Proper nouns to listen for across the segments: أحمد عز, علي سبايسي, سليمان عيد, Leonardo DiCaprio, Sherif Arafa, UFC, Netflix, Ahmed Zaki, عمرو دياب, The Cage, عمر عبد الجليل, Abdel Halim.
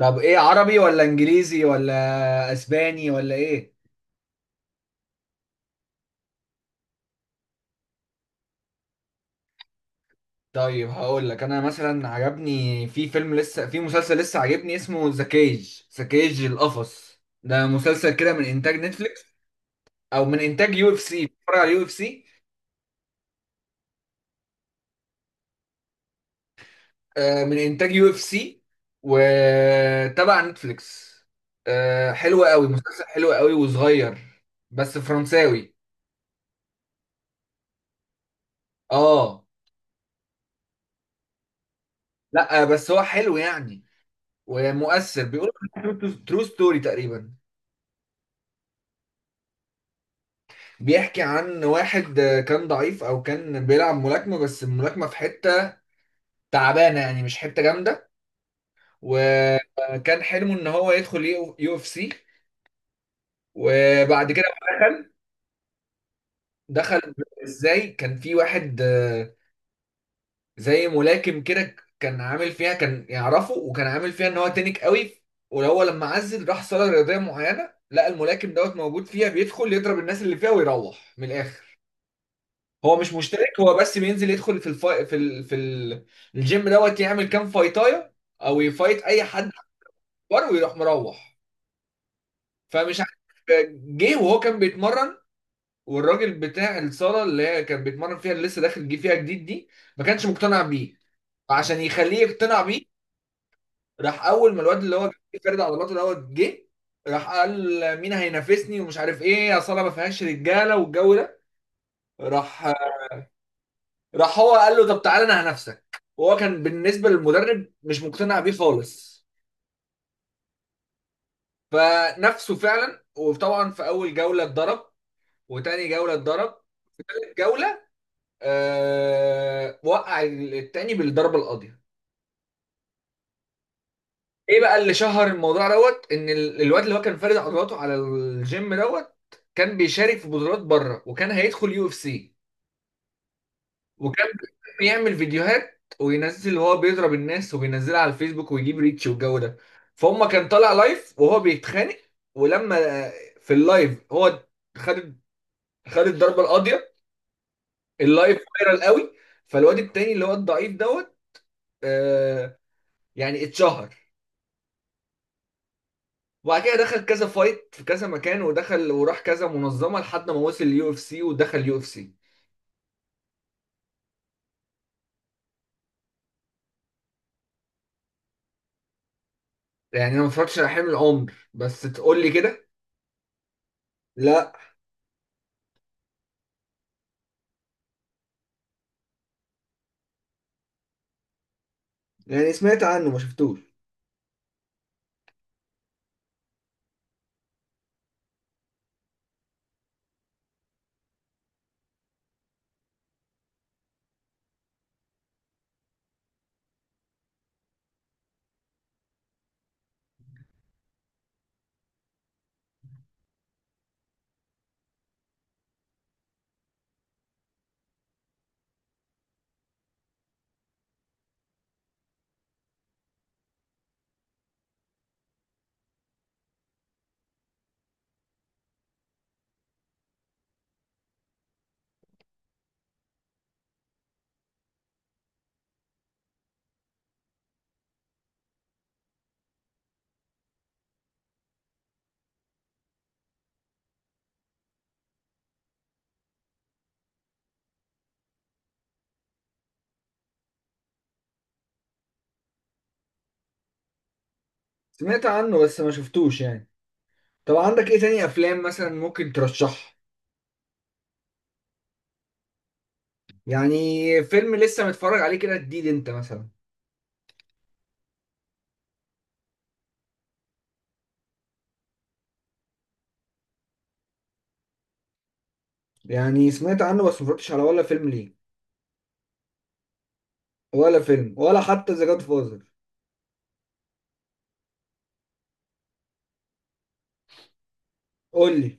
طب ايه؟ عربي ولا انجليزي ولا اسباني ولا ايه؟ طيب هقول لك. انا مثلا عجبني في فيلم لسه، في مسلسل لسه عجبني، اسمه ذا كيج. القفص ده مسلسل كده من انتاج نتفليكس او من انتاج يو اف سي. بتفرج على يو اف سي؟ آه، من انتاج يو اف سي وتبع نتفليكس. آه، حلو قوي، مسلسل حلو قوي وصغير، بس فرنساوي. اه. لا بس هو حلو يعني، ومؤثر. بيقول ترو ستوري تقريبا. بيحكي عن واحد كان ضعيف، او كان بيلعب ملاكمه، بس الملاكمه في حته تعبانه يعني، مش حته جامده. وكان حلمه ان هو يدخل يو اف سي. وبعد كده دخل. دخل ازاي؟ كان في واحد زي ملاكم كده، كان عامل فيها، كان يعرفه، وكان عامل فيها ان هو تنك قوي. وهو لما عزل راح صاله رياضيه معينه، لقى الملاكم دوت موجود فيها، بيدخل يضرب الناس اللي فيها ويروح من الاخر. هو مش مشترك، هو بس بينزل يدخل في الفا... في ال... في ال... الجيم دوت، يعمل كام فايتايه او يفايت اي حد اكبر ويروح مروح. فمش عارف، جه وهو كان بيتمرن، والراجل بتاع الصاله اللي هي كان بيتمرن فيها اللي لسه داخل جه فيها جديد دي ما كانش مقتنع بيه. فعشان يخليه يقتنع بيه، راح اول ما الواد اللي هو فارد عضلاته دوت جه، راح قال: مين هينافسني ومش عارف ايه يا صاله ما فيهاش رجاله والجو ده. راح هو قال له: طب تعالى انا هنافسك. وهو كان بالنسبه للمدرب مش مقتنع بيه خالص. فنفسه فعلا، وطبعا في اول جوله اتضرب، وتاني جوله اتضرب، في تالت جوله آه وقع التاني بالضربه القاضيه. ايه بقى اللي شهر الموضوع دوت؟ ان الواد اللي هو كان فارد عضلاته على الجيم دوت كان بيشارك في بطولات بره، وكان هيدخل يو اف سي. وكان بيعمل فيديوهات وينزل وهو بيضرب الناس وبينزلها على الفيسبوك ويجيب ريتش والجو ده. فهم كان طالع لايف وهو بيتخانق، ولما في اللايف هو خد خد الضربه القاضيه، اللايف فايرال قوي. فالواد التاني اللي هو الضعيف دوت آه يعني اتشهر. وبعد كده دخل كذا فايت في كذا مكان، ودخل وراح كذا منظمه لحد ما وصل اليو اف سي ودخل اليو اف سي. يعني انا ما اتفرجتش على حلم العمر، بس تقول لي كده. لا. يعني سمعت عنه ما شفتوش. سمعت عنه بس ما شفتوش يعني. طب عندك ايه تاني افلام مثلا ممكن ترشحها؟ يعني فيلم لسه متفرج عليه كده جديد انت مثلا. يعني سمعت عنه بس ما اتفرجتش على ولا فيلم ليه. ولا فيلم ولا حتى ذا جاد فازر. قول لي.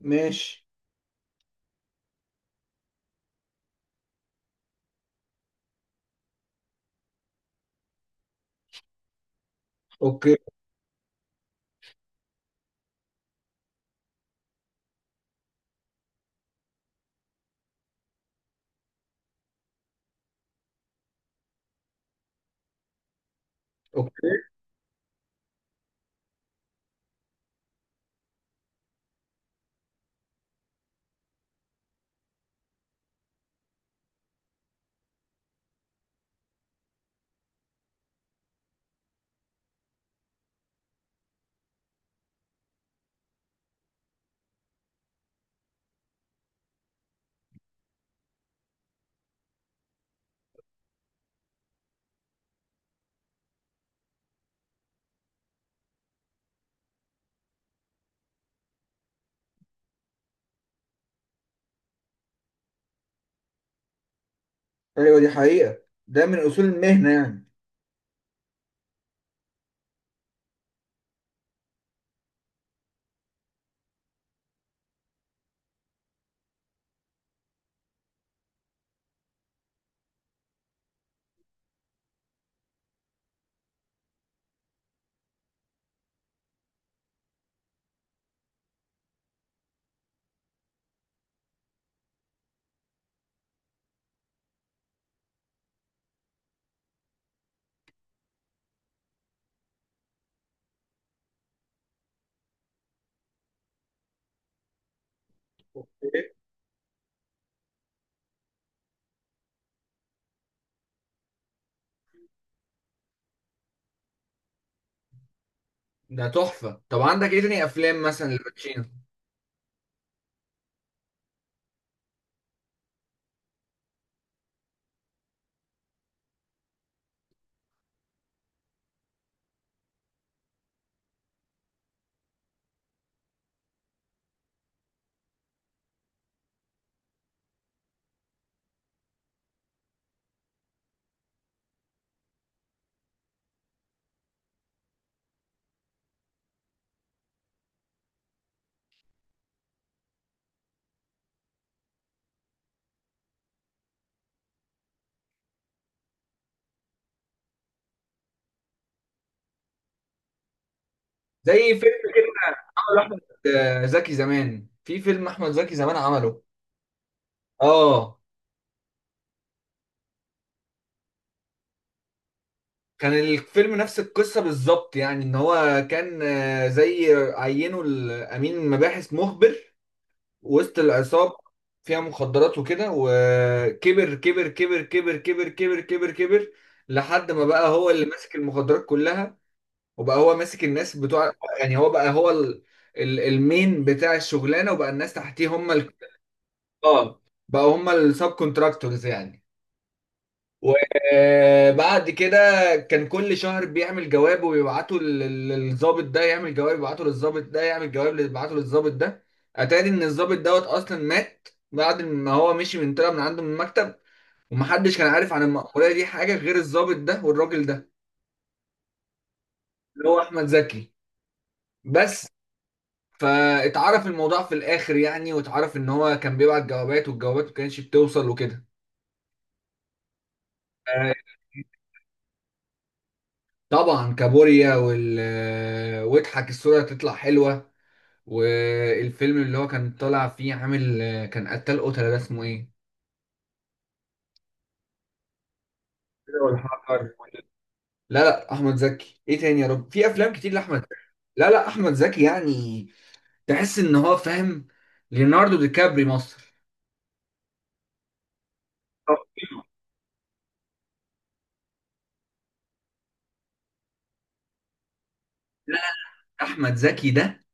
ماشي. اوكي. اوكي. ايوه، دي حقيقة، ده من اصول المهنة يعني. ده تحفة. طب عندك ايه تاني افلام مثلا لباتشينو؟ زي فيلم كده عمله احمد زكي زمان، في فيلم احمد زكي زمان عمله. اه. كان الفيلم نفس القصة بالظبط يعني. ان هو كان زي عينه، الامين المباحث، مخبر وسط العصابة، فيها مخدرات وكده. وكبر كبر كبر كبر كبر كبر كبر كبر لحد ما بقى هو اللي ماسك المخدرات كلها، وبقى هو ماسك الناس بتوع. يعني هو بقى هو المين بتاع الشغلانة، وبقى الناس تحتيه هم ال... اه، بقى هم السب كونتراكتورز يعني. وبعد كده كان كل شهر بيعمل جواب ويبعته للضابط ده، يعمل جواب يبعته للضابط ده، يعمل جواب يبعته للضابط ده. اتاري ان الضابط دوت اصلا مات بعد ما هو مشي، من طلع من عنده من المكتب. ومحدش كان عارف عن المأمورية دي حاجة غير الضابط ده والراجل ده اللي هو أحمد زكي بس. فاتعرف الموضوع في الآخر يعني، واتعرف ان هو كان بيبعت جوابات والجوابات ما كانتش بتوصل وكده. آه، طبعا كابوريا وال آه، واضحك الصورة هتطلع حلوة. والفيلم اللي هو كان طالع فيه عامل كان قتال قتلة ده، اسمه ايه؟ كده والحجر؟ لا لا، احمد زكي ايه تاني يا رب؟ في افلام كتير لاحمد زكي. لا لا، احمد زكي يعني تحس ان هو فاهم، ليوناردو دي كابري مصر. احمد زكي ده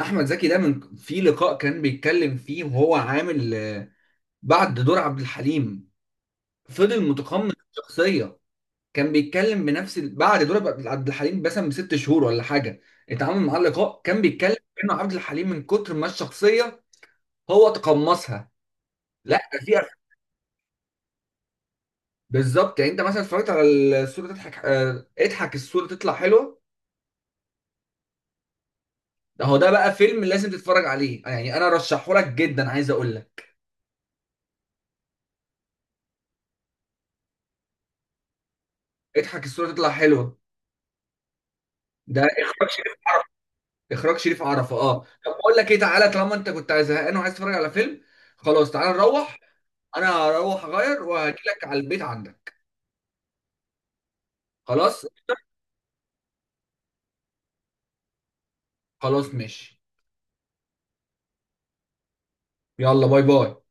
من في لقاء كان بيتكلم فيه وهو عامل بعد دور عبد الحليم، فضل متقمص الشخصية، كان بيتكلم بنفس ال- بعد دور عبد الحليم مثلا بست شهور ولا حاجه اتعامل معاه لقاء كان بيتكلم انه عبد الحليم من كتر ما الشخصيه هو تقمصها. لا ده في أف- بالظبط يعني. انت مثلا اتفرجت على الصوره تضحك؟ اه، اضحك الصوره تطلع حلوه. ده هو ده بقى فيلم لازم تتفرج عليه يعني، انا رشحه لك جدا. عايز اقول لك اضحك الصوره تطلع حلوه، ده اخراج شريف عرفة. اه. طب بقول لك ايه، تعالى طالما انت كنت زهقان وعايز تتفرج على فيلم خلاص تعالى نروح. انا هروح اغير وهجيلك على البيت عندك. خلاص. خلاص ماشي. يلا باي باي.